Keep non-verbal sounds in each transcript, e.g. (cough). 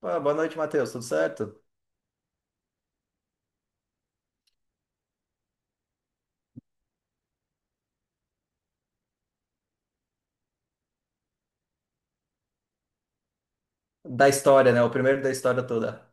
Ah, boa noite, Matheus. Tudo certo? Da história, né? O primeiro da história toda.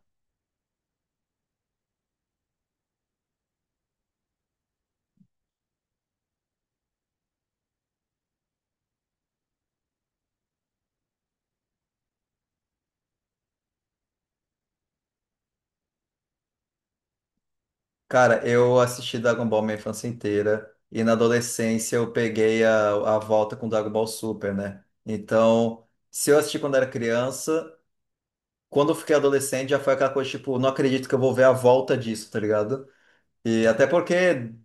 Cara, eu assisti Dragon Ball minha infância inteira e na adolescência eu peguei a volta com Dragon Ball Super, né? Então, se eu assisti quando era criança, quando eu fiquei adolescente já foi aquela coisa tipo, não acredito que eu vou ver a volta disso, tá ligado? E até porque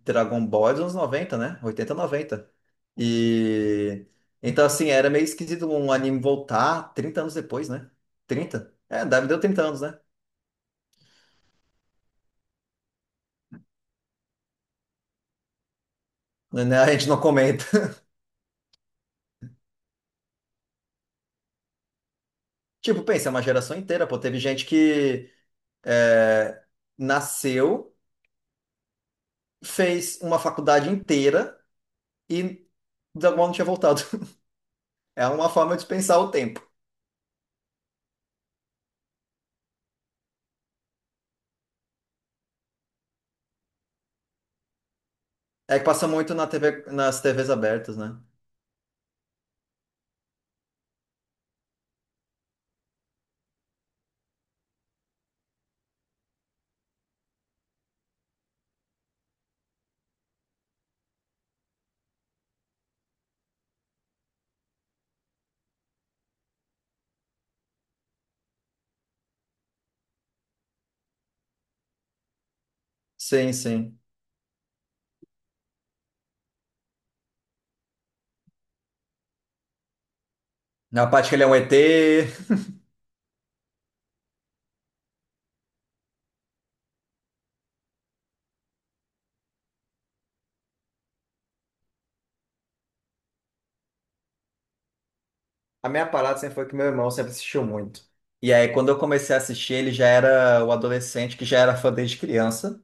Dragon Ball é dos anos 90, né? 80, 90. E então assim, era meio esquisito um anime voltar 30 anos depois, né? 30. É, deve deu 30 anos, né? Né? A gente não comenta. (laughs) Tipo, pensa, é uma geração inteira, pô. Teve gente que é, nasceu, fez uma faculdade inteira e de alguma não tinha voltado. (laughs) É uma forma de pensar o tempo. É que passa muito na TV, nas TVs abertas, né? Sim, sim. Na parte que ele é um ET. A minha parada sempre foi que meu irmão sempre assistiu muito. E aí, quando eu comecei a assistir, ele já era o adolescente que já era fã desde criança.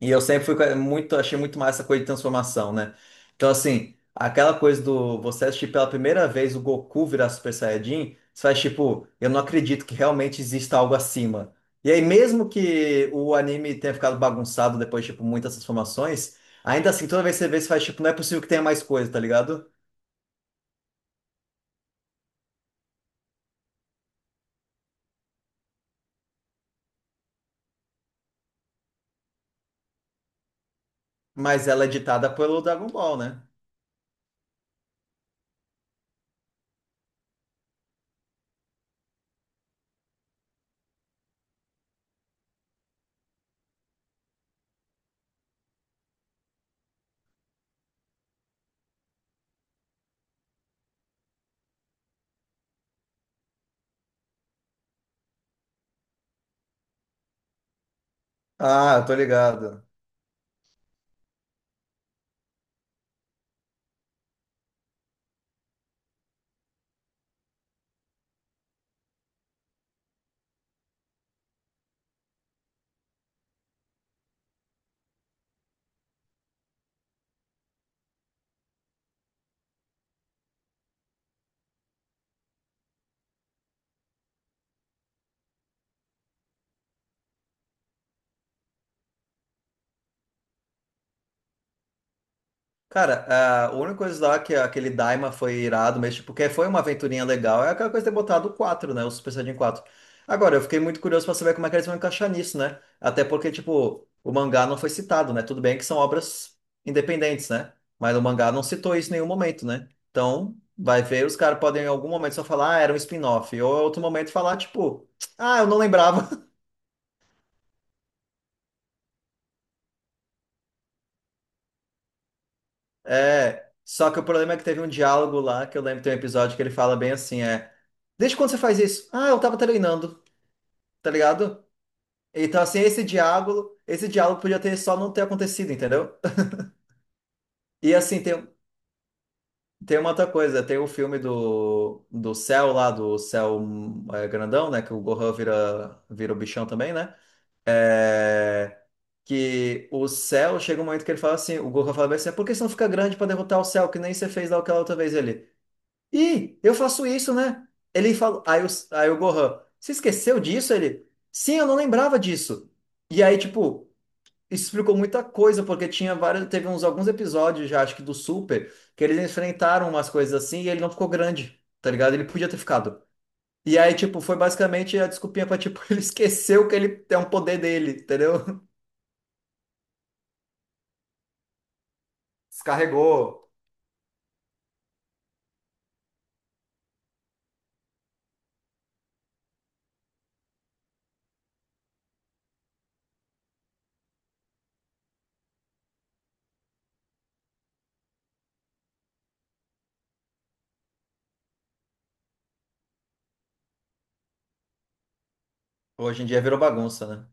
E eu sempre muito, achei muito mais essa coisa de transformação, né? Então, assim, aquela coisa do você assistir pela primeira vez o Goku virar Super Saiyajin, você faz tipo, eu não acredito que realmente exista algo acima. E aí, mesmo que o anime tenha ficado bagunçado depois, tipo, muitas transformações, ainda assim, toda vez que você vê, você faz tipo, não é possível que tenha mais coisa, tá ligado? Mas ela é ditada pelo Dragon Ball, né? Ah, eu tô ligado. Cara, ah, a única coisa lá que aquele Daima foi irado, mas tipo, que foi uma aventurinha legal, é aquela coisa de ter botado o 4, né? O Super Saiyajin quatro. Agora, eu fiquei muito curioso pra saber como é que eles vão encaixar nisso, né? Até porque, tipo, o mangá não foi citado, né? Tudo bem que são obras independentes, né? Mas o mangá não citou isso em nenhum momento, né? Então, vai ver, os caras podem em algum momento só falar, ah, era um spin-off. Ou em outro momento falar, tipo, ah, eu não lembrava. É, só que o problema é que teve um diálogo lá, que eu lembro que tem um episódio que ele fala bem assim, desde quando você faz isso? Ah, eu tava treinando, tá ligado? Então, assim, esse diálogo podia ter só não ter acontecido, entendeu? E assim, tem uma outra coisa, tem o filme do Cell lá, do Cell grandão, né, que o Gohan vira o bichão também, né? É, que o céu chega um momento que ele fala assim, o Goku fala bem assim, por que você não fica grande pra derrotar o céu, que nem você fez lá aquela outra vez ele? Ih, eu faço isso, né? Ele falou. Aí o Gohan, você esqueceu disso? Ele, sim, eu não lembrava disso. E aí, tipo, isso explicou muita coisa, porque tinha vários. Teve uns alguns episódios já, acho que do Super, que eles enfrentaram umas coisas assim e ele não ficou grande, tá ligado? Ele podia ter ficado. E aí, tipo, foi basicamente a desculpinha pra, tipo, (laughs) ele esqueceu que ele tem um poder dele, entendeu? Descarregou. Hoje em dia virou bagunça, né?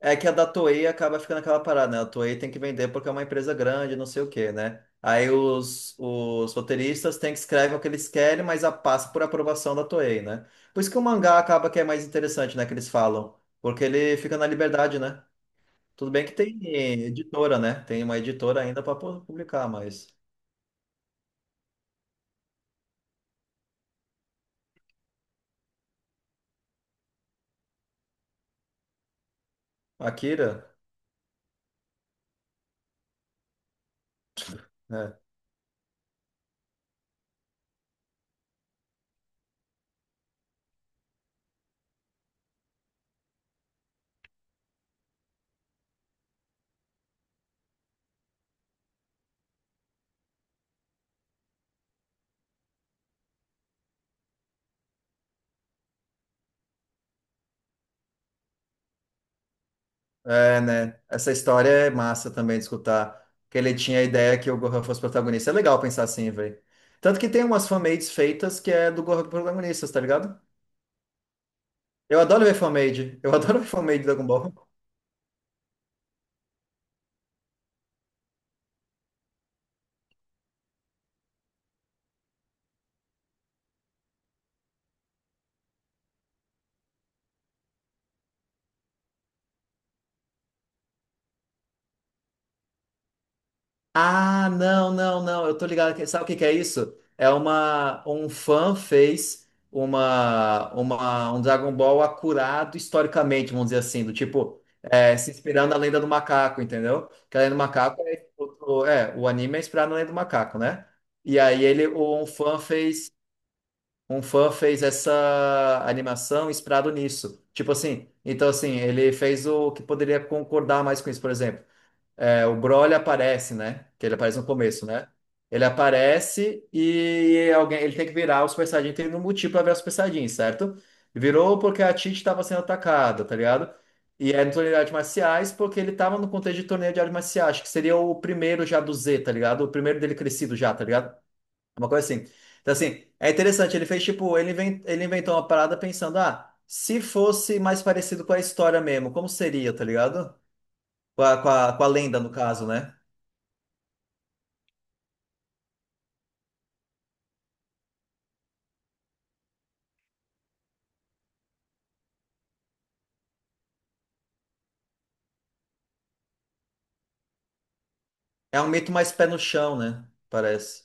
É que a da Toei acaba ficando aquela parada, né? A Toei tem que vender porque é uma empresa grande, não sei o quê, né? Aí os roteiristas têm que escrever o que eles querem, mas a passa por aprovação da Toei, né? Por isso que o mangá acaba que é mais interessante, né? Que eles falam. Porque ele fica na liberdade, né? Tudo bem que tem editora, né? Tem uma editora ainda para publicar, mas Akira, né? É, né? Essa história é massa também de escutar. Que ele tinha a ideia que o Gohan fosse protagonista. É legal pensar assim, velho. Tanto que tem umas fanmades feitas que é do Gohan protagonista, tá ligado? Eu adoro ver fanmade. Eu (laughs) adoro ver fanmade de Dragon Ball. Ah, não, não, não. Eu tô ligado. Sabe o que que é isso? É uma Um fã fez uma um Dragon Ball acurado historicamente, vamos dizer assim, do tipo é, se inspirando na Lenda do Macaco, entendeu? Que a Lenda do Macaco o anime é inspirado na Lenda do Macaco, né? E aí ele um fã fez essa animação inspirado nisso. Tipo assim, então assim, ele fez o que poderia concordar mais com isso, por exemplo. É, o Broly aparece, né? Que ele aparece no começo, né? Ele aparece e alguém, ele tem que virar o Super Saiyajin, tem um motivo pra virar o Super Saiyajin, certo? Virou porque a Tite estava sendo atacada, tá ligado? E é no torneio de artes marciais porque ele tava no contexto de torneio de artes marciais, acho que seria o primeiro já do Z, tá ligado? O primeiro dele crescido já, tá ligado? Uma coisa assim. Então, assim, é interessante, ele fez tipo, ele inventou uma parada pensando, ah, se fosse mais parecido com a história mesmo, como seria, tá ligado? Com a lenda, no caso, né? É um mito mais pé no chão, né? Parece.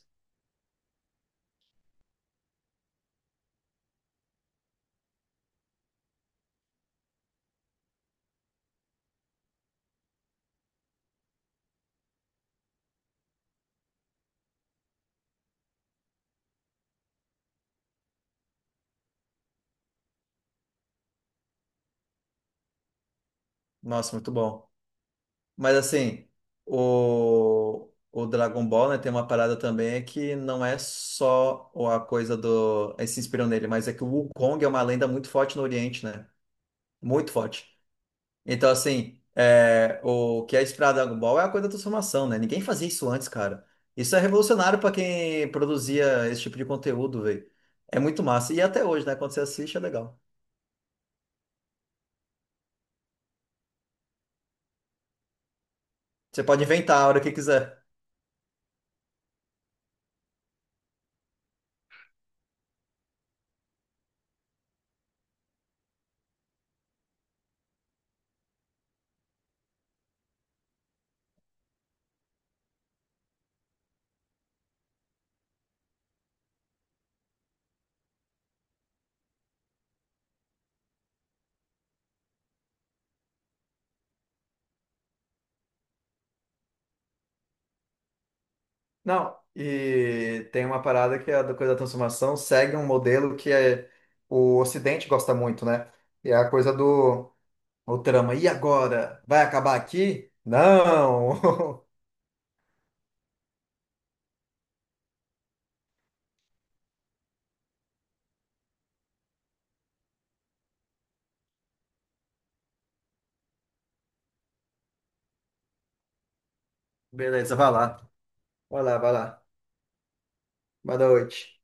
Nossa, muito bom. Mas assim, o Dragon Ball, né, tem uma parada também é que não é só a coisa do. Eles se inspiram nele, mas é que o Wukong é uma lenda muito forte no Oriente, né? Muito forte. Então, assim, o que é inspirado no Dragon Ball é a coisa da transformação, né? Ninguém fazia isso antes, cara. Isso é revolucionário pra quem produzia esse tipo de conteúdo, velho. É muito massa. E até hoje, né? Quando você assiste, é legal. Você pode inventar a hora que quiser. Não, e tem uma parada que é a da coisa da transformação segue um modelo que é, o Ocidente gosta muito, né? E é a coisa do o trama. E agora? Vai acabar aqui? Não! (laughs) Beleza, vai lá. Vai lá, vai lá. Boa noite.